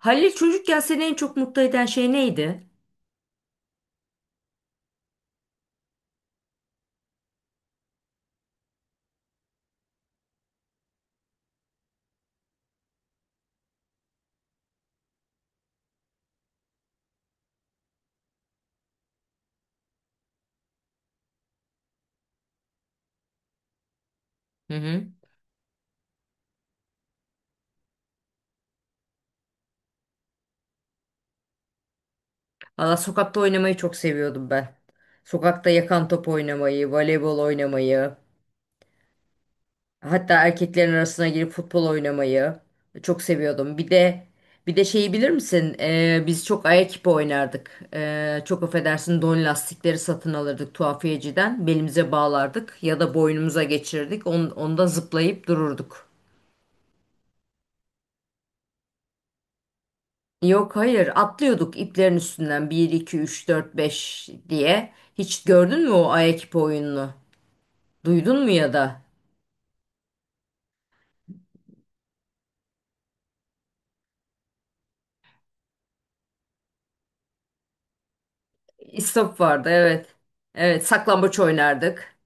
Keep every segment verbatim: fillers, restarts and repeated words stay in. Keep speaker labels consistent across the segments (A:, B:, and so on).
A: Halil çocukken seni en çok mutlu eden şey neydi? Hı hı. Valla sokakta oynamayı çok seviyordum ben. Sokakta yakan top oynamayı, voleybol oynamayı, hatta erkeklerin arasına girip futbol oynamayı çok seviyordum. Bir de bir de şeyi bilir misin? Ee, biz çok ayak ipi oynardık. Ee, çok affedersin don lastikleri satın alırdık tuhafiyeciden. Belimize bağlardık ya da boynumuza geçirirdik. On, onda zıplayıp dururduk. Yok, hayır, atlıyorduk iplerin üstünden bir iki üç dört beş diye. Hiç gördün mü o Ayekip oyununu? Duydun mu ya da? İstop vardı, evet. Evet, saklambaç oynardık.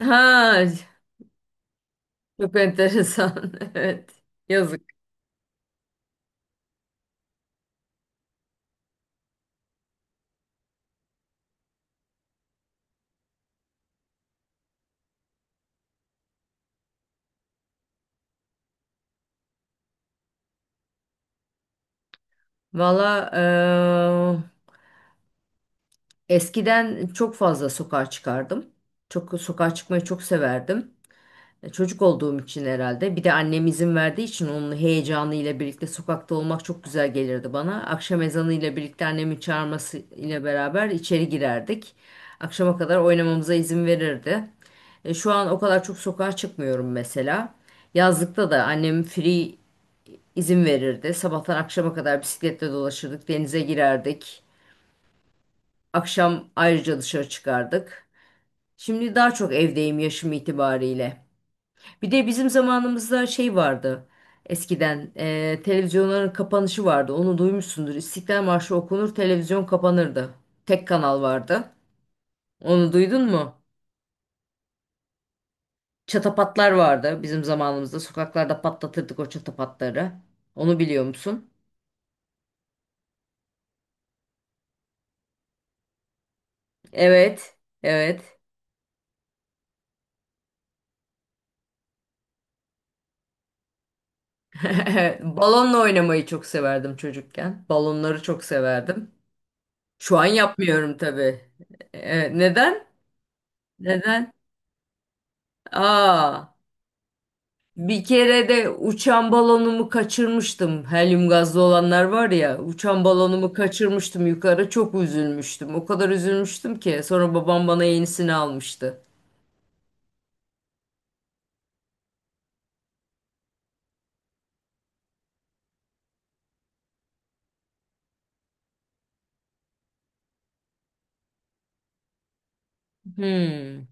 A: Ha, çok enteresan, evet. Yazık. Valla eee, eskiden çok fazla sokağa çıkardım. Çok sokağa çıkmayı çok severdim. E, Çocuk olduğum için herhalde. Bir de annem izin verdiği için onun heyecanıyla birlikte sokakta olmak çok güzel gelirdi bana. Akşam ezanıyla birlikte annemin çağırması ile beraber içeri girerdik. Akşama kadar oynamamıza izin verirdi. E, şu an o kadar çok sokağa çıkmıyorum mesela. Yazlıkta da annem free izin verirdi. Sabahtan akşama kadar bisikletle dolaşırdık, denize girerdik. Akşam ayrıca dışarı çıkardık. Şimdi daha çok evdeyim yaşım itibariyle. Bir de bizim zamanımızda şey vardı. Eskiden eee, televizyonların kapanışı vardı. Onu duymuşsundur. İstiklal Marşı okunur, televizyon kapanırdı. Tek kanal vardı. Onu duydun mu? Çatapatlar vardı bizim zamanımızda. Sokaklarda patlatırdık o çatapatları. Onu biliyor musun? Evet, evet. Balonla oynamayı çok severdim çocukken. Balonları çok severdim. Şu an yapmıyorum tabii. Ee, neden? Neden? Aa. Bir kere de uçan balonumu kaçırmıştım. Helyum gazlı olanlar var ya, uçan balonumu kaçırmıştım yukarı. Çok üzülmüştüm. O kadar üzülmüştüm ki sonra babam bana yenisini almıştı. Hmm.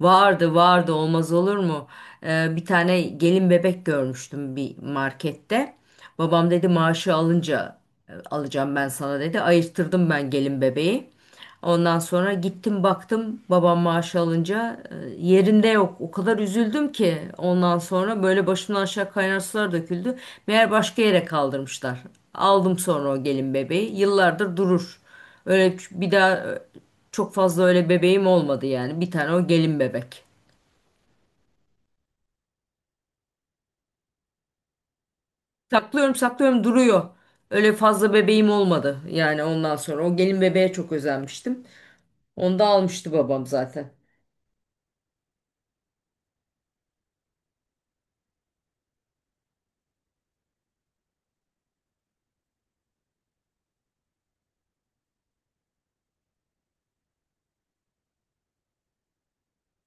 A: Vardı vardı, olmaz olur mu? Ee, bir tane gelin bebek görmüştüm bir markette. Babam dedi maaşı alınca e, alacağım ben sana dedi. Ayırttırdım ben gelin bebeği. Ondan sonra gittim baktım, babam maaşı alınca e, yerinde yok. O kadar üzüldüm ki ondan sonra böyle başımdan aşağı kaynar sular döküldü. Meğer başka yere kaldırmışlar. Aldım sonra o gelin bebeği. Yıllardır durur. Öyle ç- bir daha e, çok fazla öyle bebeğim olmadı yani. Bir tane o gelin bebek. Saklıyorum, saklıyorum, duruyor. Öyle fazla bebeğim olmadı. Yani ondan sonra o gelin bebeğe çok özenmiştim. Onu da almıştı babam zaten.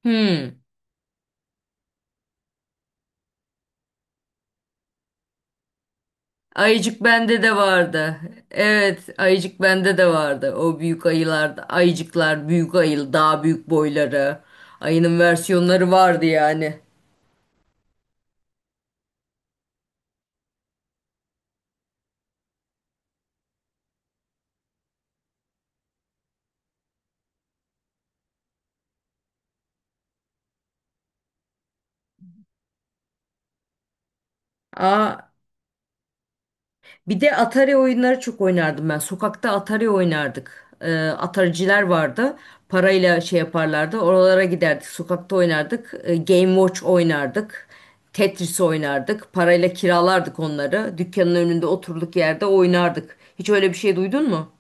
A: Hmm. Ayıcık bende de vardı. Evet, ayıcık bende de vardı. O büyük ayılar, ayıcıklar, büyük ayı, daha büyük boyları. Ayının versiyonları vardı yani. Aa, bir de Atari oyunları çok oynardım ben. Sokakta Atari oynardık. Ee, atariciler vardı. Parayla şey yaparlardı. Oralara giderdik. Sokakta oynardık. Ee, Game Watch oynardık. Tetris oynardık. Parayla kiralardık onları. Dükkanın önünde oturduk yerde oynardık. Hiç öyle bir şey duydun mu?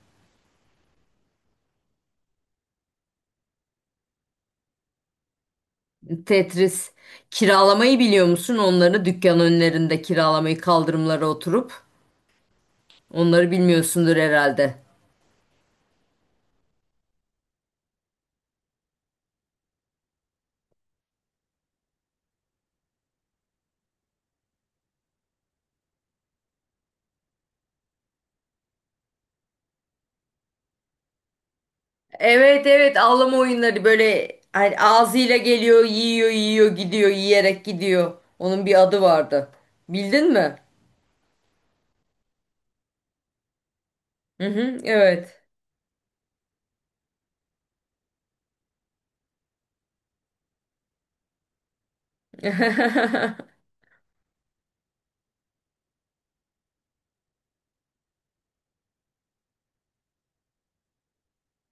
A: Tetris. Kiralamayı biliyor musun? Onları dükkan önlerinde kiralamayı, kaldırımlara oturup. Onları bilmiyorsundur herhalde. Evet, evet, avlama oyunları, böyle hani ağzıyla geliyor, yiyor, yiyor, gidiyor, yiyerek gidiyor. Onun bir adı vardı. Bildin mi? Hı hı, evet.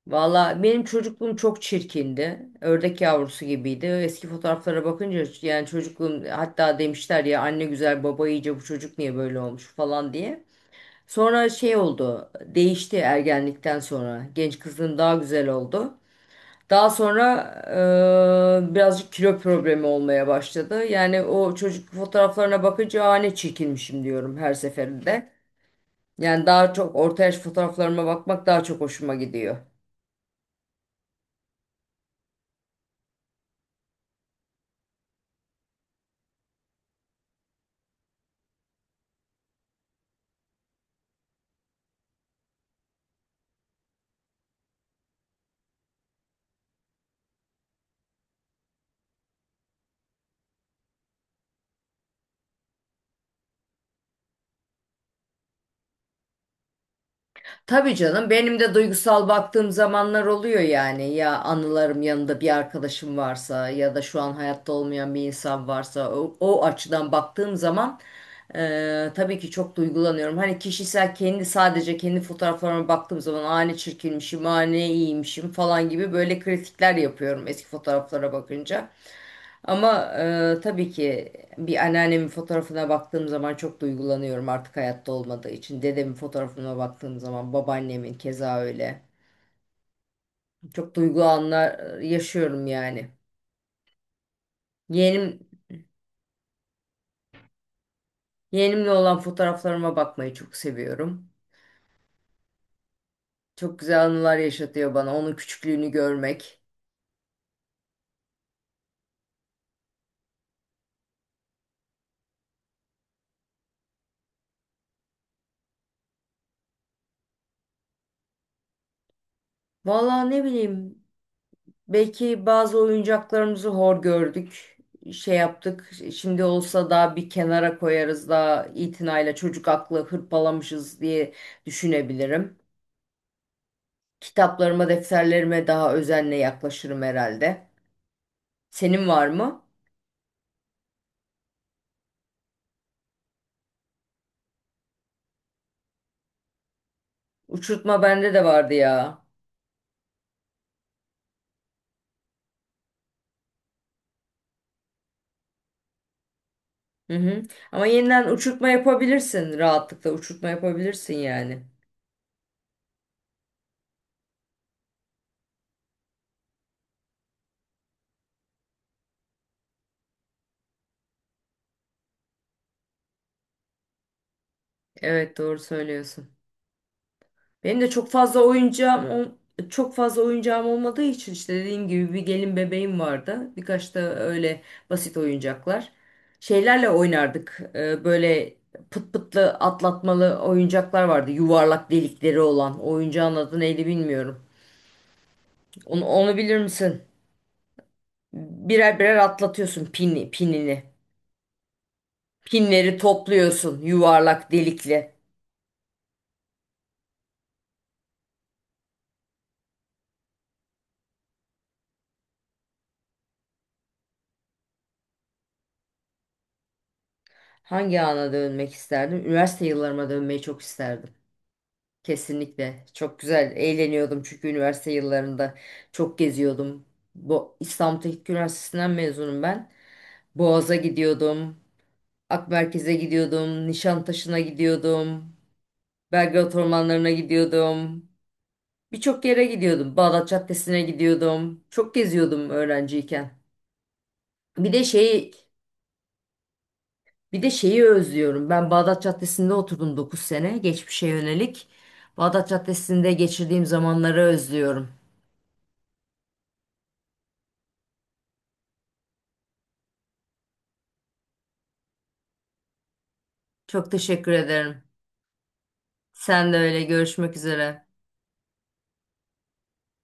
A: Valla benim çocukluğum çok çirkindi. Ördek yavrusu gibiydi. Eski fotoğraflara bakınca, yani çocukluğum, hatta demişler ya anne güzel baba iyice bu çocuk niye böyle olmuş falan diye. Sonra şey oldu, değişti ergenlikten sonra. Genç kızın daha güzel oldu. Daha sonra eee, birazcık kilo problemi olmaya başladı. Yani o çocuk fotoğraflarına bakınca "Aa, ne çirkinmişim" diyorum her seferinde. Yani daha çok orta yaş fotoğraflarıma bakmak daha çok hoşuma gidiyor. Tabii canım, benim de duygusal baktığım zamanlar oluyor yani, ya anılarım yanında bir arkadaşım varsa ya da şu an hayatta olmayan bir insan varsa o, o açıdan baktığım zaman e, tabii ki çok duygulanıyorum. Hani kişisel kendi, sadece kendi fotoğraflarıma baktığım zaman "Aa, ne çirkinmişim, aa, ne iyiymişim" falan gibi böyle kritikler yapıyorum eski fotoğraflara bakınca. Ama e, tabii ki bir anneannemin fotoğrafına baktığım zaman çok duygulanıyorum artık hayatta olmadığı için. Dedemin fotoğrafına baktığım zaman, babaannemin keza öyle. Çok duygu anlar yaşıyorum yani. Yeğenim, yeğenimle olan fotoğraflarıma bakmayı çok seviyorum. Çok güzel anılar yaşatıyor bana onun küçüklüğünü görmek. Vallahi ne bileyim. Belki bazı oyuncaklarımızı hor gördük, şey yaptık. Şimdi olsa da bir kenara koyarız da, itinayla, çocuk aklı hırpalamışız diye düşünebilirim. Kitaplarıma, defterlerime daha özenle yaklaşırım herhalde. Senin var mı? Uçurtma bende de vardı ya. Hı hı. Ama yeniden uçurtma yapabilirsin. Rahatlıkla uçurtma yapabilirsin yani. Evet, doğru söylüyorsun. Benim de çok fazla oyuncağım ol- Çok fazla oyuncağım olmadığı için, işte dediğim gibi, bir gelin bebeğim vardı. Birkaç da öyle basit oyuncaklar. Şeylerle oynardık. Ee, böyle pıt pıtlı atlatmalı oyuncaklar vardı. Yuvarlak delikleri olan. Oyuncağın adı neydi bilmiyorum. Onu, onu bilir misin? Birer birer atlatıyorsun pini, pinini. Pinleri topluyorsun, yuvarlak delikli. Hangi ana dönmek isterdim? Üniversite yıllarıma dönmeyi çok isterdim. Kesinlikle. Çok güzel. Eğleniyordum, çünkü üniversite yıllarında çok geziyordum. Bu, İstanbul Teknik Üniversitesi'nden mezunum ben. Boğaz'a gidiyordum. Akmerkez'e gidiyordum. Nişantaşı'na gidiyordum. Belgrad ormanlarına gidiyordum. Birçok yere gidiyordum. Bağdat Caddesi'ne gidiyordum. Çok geziyordum öğrenciyken. Bir de şeyi bir de şeyi özlüyorum. Ben Bağdat Caddesi'nde oturdum dokuz sene, geçmişe yönelik. Bağdat Caddesi'nde geçirdiğim zamanları özlüyorum. Çok teşekkür ederim. Sen de öyle. Görüşmek üzere.